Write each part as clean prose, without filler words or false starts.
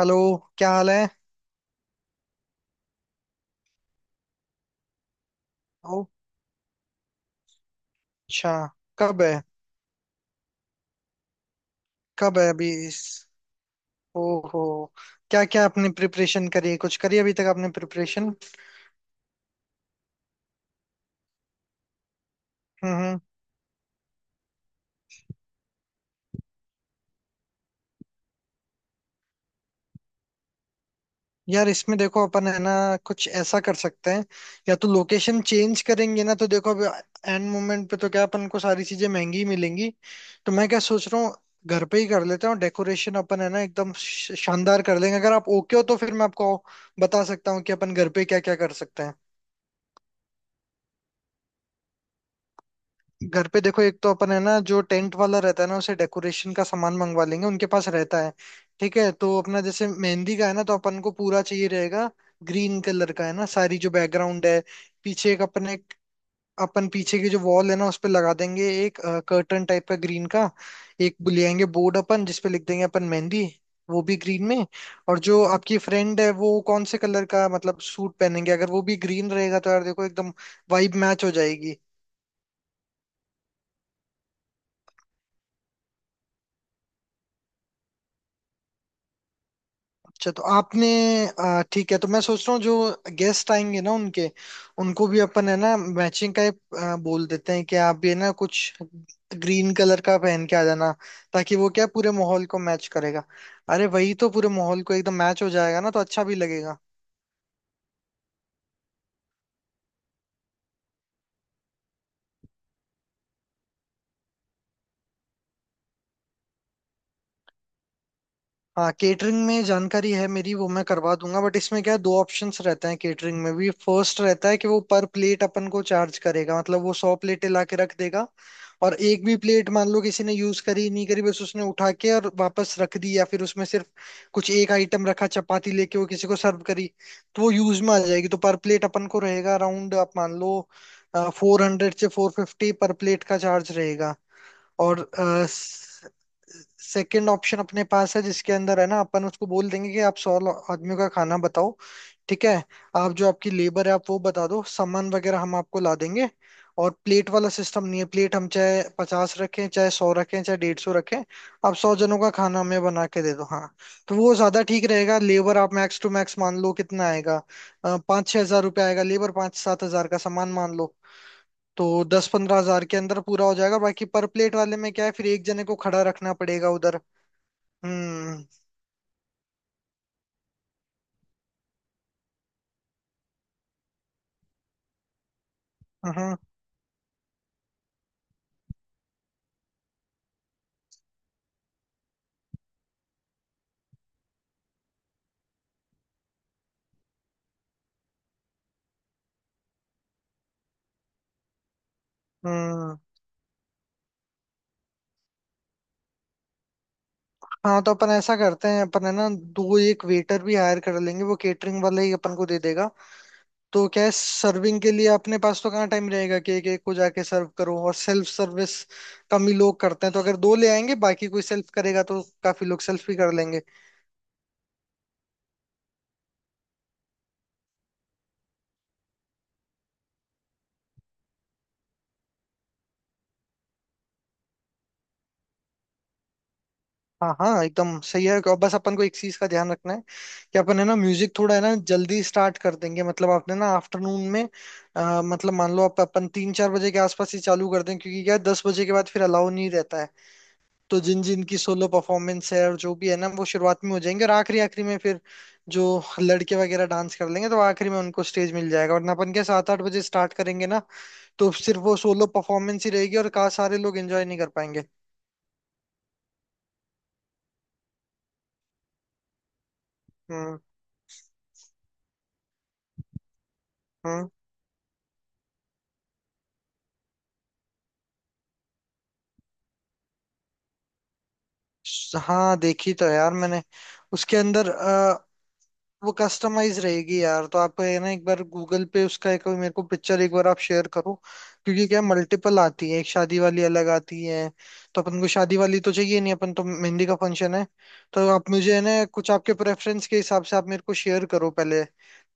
Hello. क्या हाल है? ओ, अच्छा। कब है? कब है अभी इस? ओहो। क्या क्या आपने प्रिपरेशन करी है, कुछ करी अभी तक आपने प्रिपरेशन? हम्म, यार इसमें देखो, अपन है ना कुछ ऐसा कर सकते हैं। या तो लोकेशन चेंज करेंगे ना, तो देखो अभी एंड मोमेंट पे तो क्या अपन को सारी चीजें महंगी ही मिलेंगी। तो मैं क्या सोच रहा हूँ, घर पे ही कर लेते हैं, और डेकोरेशन अपन है ना एकदम शानदार कर लेंगे। अगर आप ओके हो तो फिर मैं आपको बता सकता हूँ कि अपन घर पे क्या क्या कर सकते हैं। घर पे देखो, एक तो अपन है ना जो टेंट वाला रहता है ना, उसे डेकोरेशन का सामान मंगवा लेंगे, उनके पास रहता है। ठीक है, तो अपना जैसे मेहंदी का है ना, तो अपन को पूरा चाहिए रहेगा ग्रीन कलर का, है ना, सारी जो बैकग्राउंड है पीछे एक अपने, अपन पीछे की जो वॉल है ना उस पे लगा देंगे एक कर्टन टाइप का, ग्रीन का। एक ले आएंगे बोर्ड अपन, जिसपे लिख देंगे अपन मेहंदी, वो भी ग्रीन में। और जो आपकी फ्रेंड है वो कौन से कलर का मतलब सूट पहनेंगे? अगर वो भी ग्रीन रहेगा तो यार देखो एकदम वाइब मैच हो जाएगी। अच्छा, तो आपने ठीक है। तो मैं सोच रहा हूँ जो गेस्ट आएंगे ना उनके, उनको भी अपन है ना मैचिंग का एक, बोल देते हैं कि आप भी है ना कुछ ग्रीन कलर का पहन के आ जाना, ताकि वो क्या पूरे माहौल को मैच करेगा। अरे वही तो पूरे माहौल को एकदम मैच हो जाएगा ना, तो अच्छा भी लगेगा। हाँ, केटरिंग में जानकारी है मेरी, वो मैं करवा दूंगा। बट इसमें क्या है, दो ऑप्शंस रहते हैं केटरिंग में भी। फर्स्ट रहता है कि वो पर प्लेट अपन को चार्ज करेगा, मतलब वो 100 प्लेटें ला के रख देगा, और एक भी प्लेट मान लो किसी ने यूज करी नहीं करी, बस उसने उठा के और वापस रख दी, या फिर उसमें सिर्फ कुछ एक आइटम रखा, चपाती लेके वो किसी को सर्व करी, तो वो यूज में आ जाएगी। तो पर प्लेट अपन को रहेगा अराउंड, आप मान लो 400 से 450 पर प्लेट का चार्ज रहेगा। और सेकंड ऑप्शन अपने पास है, जिसके अंदर है ना अपन उसको बोल देंगे कि आप 100 आदमियों का खाना बताओ, ठीक है? आप जो आपकी लेबर है आप वो बता दो, सामान वगैरह हम आपको ला देंगे, और प्लेट वाला सिस्टम नहीं है। प्लेट हम चाहे 50 रखें, चाहे 100 रखें, चाहे 150 रखें, आप 100 जनों का खाना हमें बना के दे दो। हाँ, तो वो ज्यादा ठीक रहेगा। लेबर आप मैक्स टू मैक्स मान लो कितना आएगा, 5-6 हज़ार रुपये आएगा लेबर, 5-7 हज़ार का सामान मान लो। तो 10-15 हज़ार के अंदर पूरा हो जाएगा। बाकी पर प्लेट वाले में क्या है, फिर एक जने को खड़ा रखना पड़ेगा उधर। हम्म हम्म हम्म हाँ, तो अपन ऐसा करते हैं, अपन है ना दो एक वेटर भी हायर कर लेंगे, वो केटरिंग वाला ही अपन को दे देगा। तो क्या है, सर्विंग के लिए अपने पास तो कहाँ टाइम रहेगा कि एक एक को जाके सर्व करो, और सेल्फ सर्विस कम ही लोग करते हैं। तो अगर दो ले आएंगे, बाकी कोई सेल्फ करेगा तो काफी लोग सेल्फ भी कर लेंगे। हाँ हाँ, एकदम सही है। और बस अपन को एक चीज का ध्यान रखना है कि अपन है ना म्यूजिक थोड़ा है ना जल्दी स्टार्ट कर देंगे, मतलब आपने ना आफ्टरनून में, मतलब मान लो आप अपन 3-4 बजे के आसपास ही चालू कर दें। क्योंकि क्या है, 10 बजे के बाद फिर अलाउ नहीं रहता है। तो जिन जिन की सोलो परफॉर्मेंस है और जो भी है ना, वो शुरुआत में हो जाएंगे, और आखिरी आखिरी में फिर जो लड़के वगैरह डांस कर लेंगे तो आखिरी में उनको स्टेज मिल जाएगा। वरना अपन क्या 7-8 बजे स्टार्ट करेंगे ना, तो सिर्फ वो सोलो परफॉर्मेंस ही रहेगी और का सारे लोग एंजॉय नहीं कर पाएंगे। हम्म हम्म हाँ, देखी तो है यार मैंने। उसके अंदर वो कस्टमाइज रहेगी यार। तो आप है ना एक बार गूगल पे उसका एक मेरे को पिक्चर एक बार आप शेयर करो, क्योंकि क्या मल्टीपल आती है, एक शादी वाली अलग आती है, तो अपन को शादी वाली तो चाहिए नहीं, अपन तो मेहंदी का फंक्शन है। तो आप मुझे है ना कुछ आपके प्रेफरेंस के हिसाब से आप मेरे को शेयर करो पहले,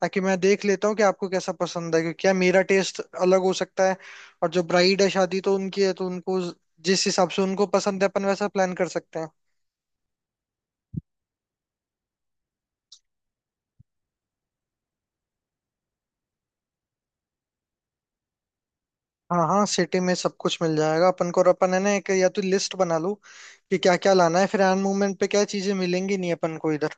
ताकि मैं देख लेता हूँ कि आपको कैसा पसंद है। क्योंकि क्या मेरा टेस्ट अलग हो सकता है। और जो ब्राइड है शादी तो उनकी है, तो उनको जिस हिसाब से उनको पसंद है अपन वैसा प्लान कर सकते हैं। हाँ हाँ, सिटी में सब कुछ मिल जाएगा अपन को। और अपन है ना एक या तो लिस्ट बना लो कि क्या क्या लाना है, फिर हैंड मूवमेंट पे क्या चीजें मिलेंगी नहीं अपन को इधर।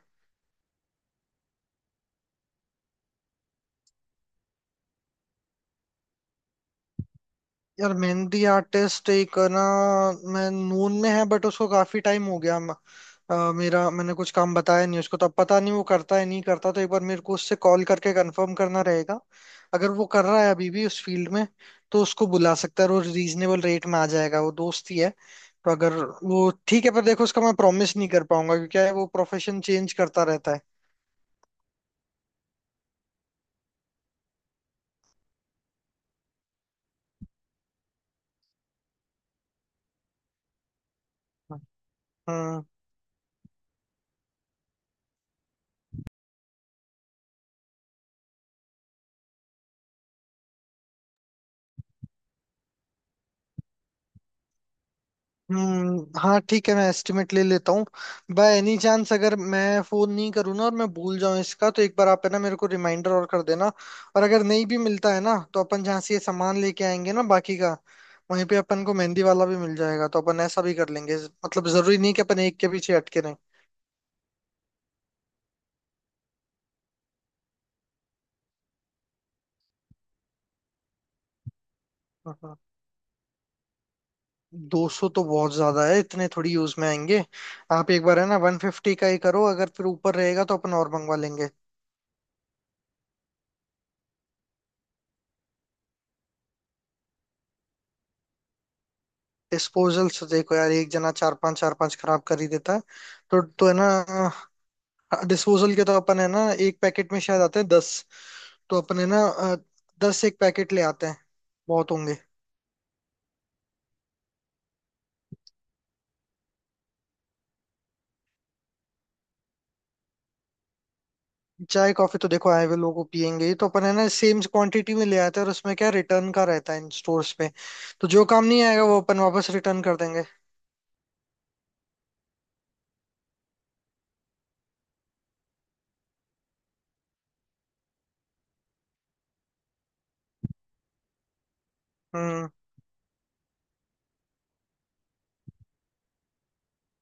यार मेहंदी आर्टिस्ट एक ना मैं नून में है, बट उसको काफी टाइम हो गया मेरा, मैंने कुछ काम बताया नहीं उसको, तो अब पता नहीं वो करता है नहीं करता। तो एक बार मेरे को उससे कॉल करके कंफर्म करना रहेगा, अगर वो कर रहा है अभी भी उस फील्ड में, तो उसको बुला सकता है और रीजनेबल रेट में आ जाएगा, वो दोस्त ही है। तो अगर वो ठीक है, पर देखो उसका मैं प्रॉमिस नहीं कर पाऊंगा, क्योंकि क्या है वो प्रोफेशन चेंज करता रहता है। हाँ, हाँ ठीक है, मैं एस्टिमेट ले लेता हूँ। बाय एनी चांस अगर मैं फोन नहीं करूँ ना और मैं भूल जाऊँ इसका, तो एक बार आप है ना मेरे को रिमाइंडर और कर देना। और अगर नहीं भी मिलता है ना तो अपन जहाँ से ये सामान लेके आएंगे ना बाकी का, वहीं पे अपन को मेहंदी वाला भी मिल जाएगा, तो अपन ऐसा भी कर लेंगे। मतलब जरूरी नहीं कि अपन एक के पीछे अटके रहें। 200 तो बहुत ज्यादा है, इतने थोड़ी यूज में आएंगे। आप एक बार है ना 150 का ही करो, अगर फिर ऊपर रहेगा तो अपन और मंगवा लेंगे। डिस्पोजल्स देखो यार, एक जना चार पांच खराब कर ही देता है। तो है ना, हाँ, डिस्पोजल के तो अपन है ना एक पैकेट में शायद आते हैं 10, तो अपन है ना 10 एक पैकेट ले आते हैं, बहुत होंगे। चाय कॉफी तो देखो आए हुए लोगों को पियेंगे ही, तो अपन है ना सेम क्वांटिटी में ले आते हैं। और उसमें क्या रिटर्न का रहता है इन स्टोर्स पे, तो जो काम नहीं आएगा वो अपन वापस रिटर्न कर देंगे। हम्म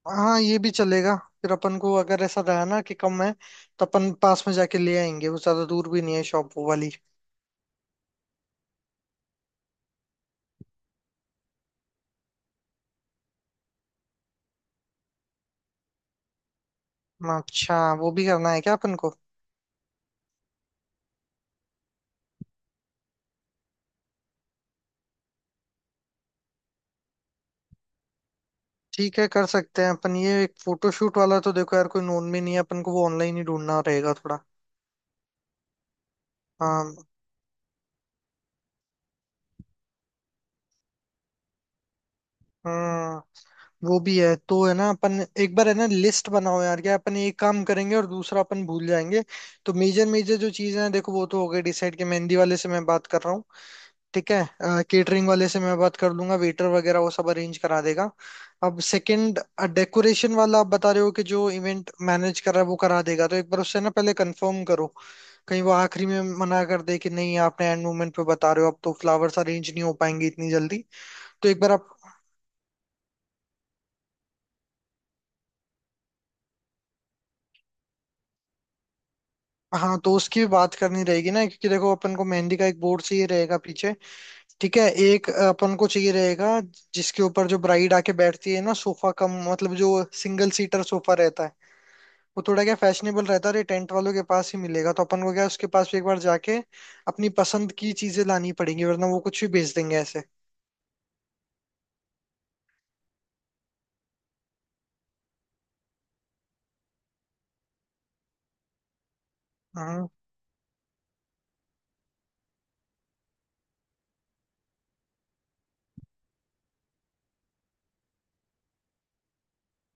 हाँ, ये भी चलेगा। फिर अपन को अगर ऐसा रहा ना कि कम है, तो अपन पास में जाके ले आएंगे, वो ज्यादा दूर भी नहीं है शॉप वो वाली। अच्छा, वो भी करना है क्या अपन को? ठीक है, कर सकते हैं अपन ये एक फोटोशूट वाला। तो देखो यार कोई नोन में नहीं है अपन को, वो ऑनलाइन ही ढूंढना रहेगा थोड़ा। हाँ, हम्म वो भी है। तो है ना अपन एक बार है ना लिस्ट बनाओ यार, क्या अपन एक काम करेंगे और दूसरा अपन भूल जाएंगे। तो मेजर मेजर जो चीजें हैं देखो, वो तो हो गई डिसाइड, कि मेहंदी वाले से मैं बात कर रहा हूँ, ठीक है, केटरिंग वाले से मैं बात कर लूंगा, वेटर वगैरह वो सब अरेंज करा देगा। अब सेकंड, डेकोरेशन वाला आप बता रहे हो कि जो इवेंट मैनेज कर रहा है वो करा देगा, तो एक बार उससे ना पहले कंफर्म करो, कहीं वो आखिरी में मना कर दे कि नहीं, आपने एंड मोमेंट पे बता रहे हो, अब तो फ्लावर्स अरेंज नहीं हो पाएंगे इतनी जल्दी। तो एक बार आप, हाँ, तो उसकी भी बात करनी रहेगी ना, क्योंकि देखो अपन को मेहंदी का एक बोर्ड चाहिए रहेगा पीछे। ठीक है, एक अपन को चाहिए रहेगा जिसके ऊपर जो ब्राइड आके बैठती है ना, सोफा कम मतलब जो सिंगल सीटर सोफा रहता है। वो थोड़ा क्या फैशनेबल रहता है, और ये टेंट वालों के पास ही मिलेगा, तो अपन को क्या उसके पास भी एक बार जाके अपनी पसंद की चीजें लानी पड़ेंगी, वरना वो कुछ भी बेच देंगे ऐसे। हाँ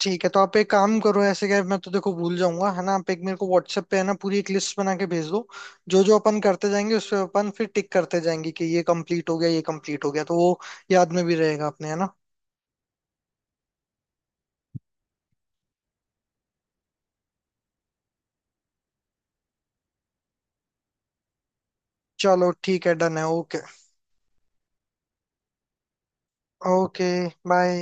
ठीक है, तो आप एक काम करो। ऐसे क्या है, मैं तो देखो भूल जाऊंगा है ना, आप एक मेरे को व्हाट्सएप पे है ना पूरी एक लिस्ट बना के भेज दो। जो जो अपन करते जाएंगे उस पे अपन फिर टिक करते जाएंगे कि ये कंप्लीट हो गया, ये कंप्लीट हो गया, तो वो याद में भी रहेगा अपने है ना। चलो ठीक है, डन है। ओके। Okay, bye.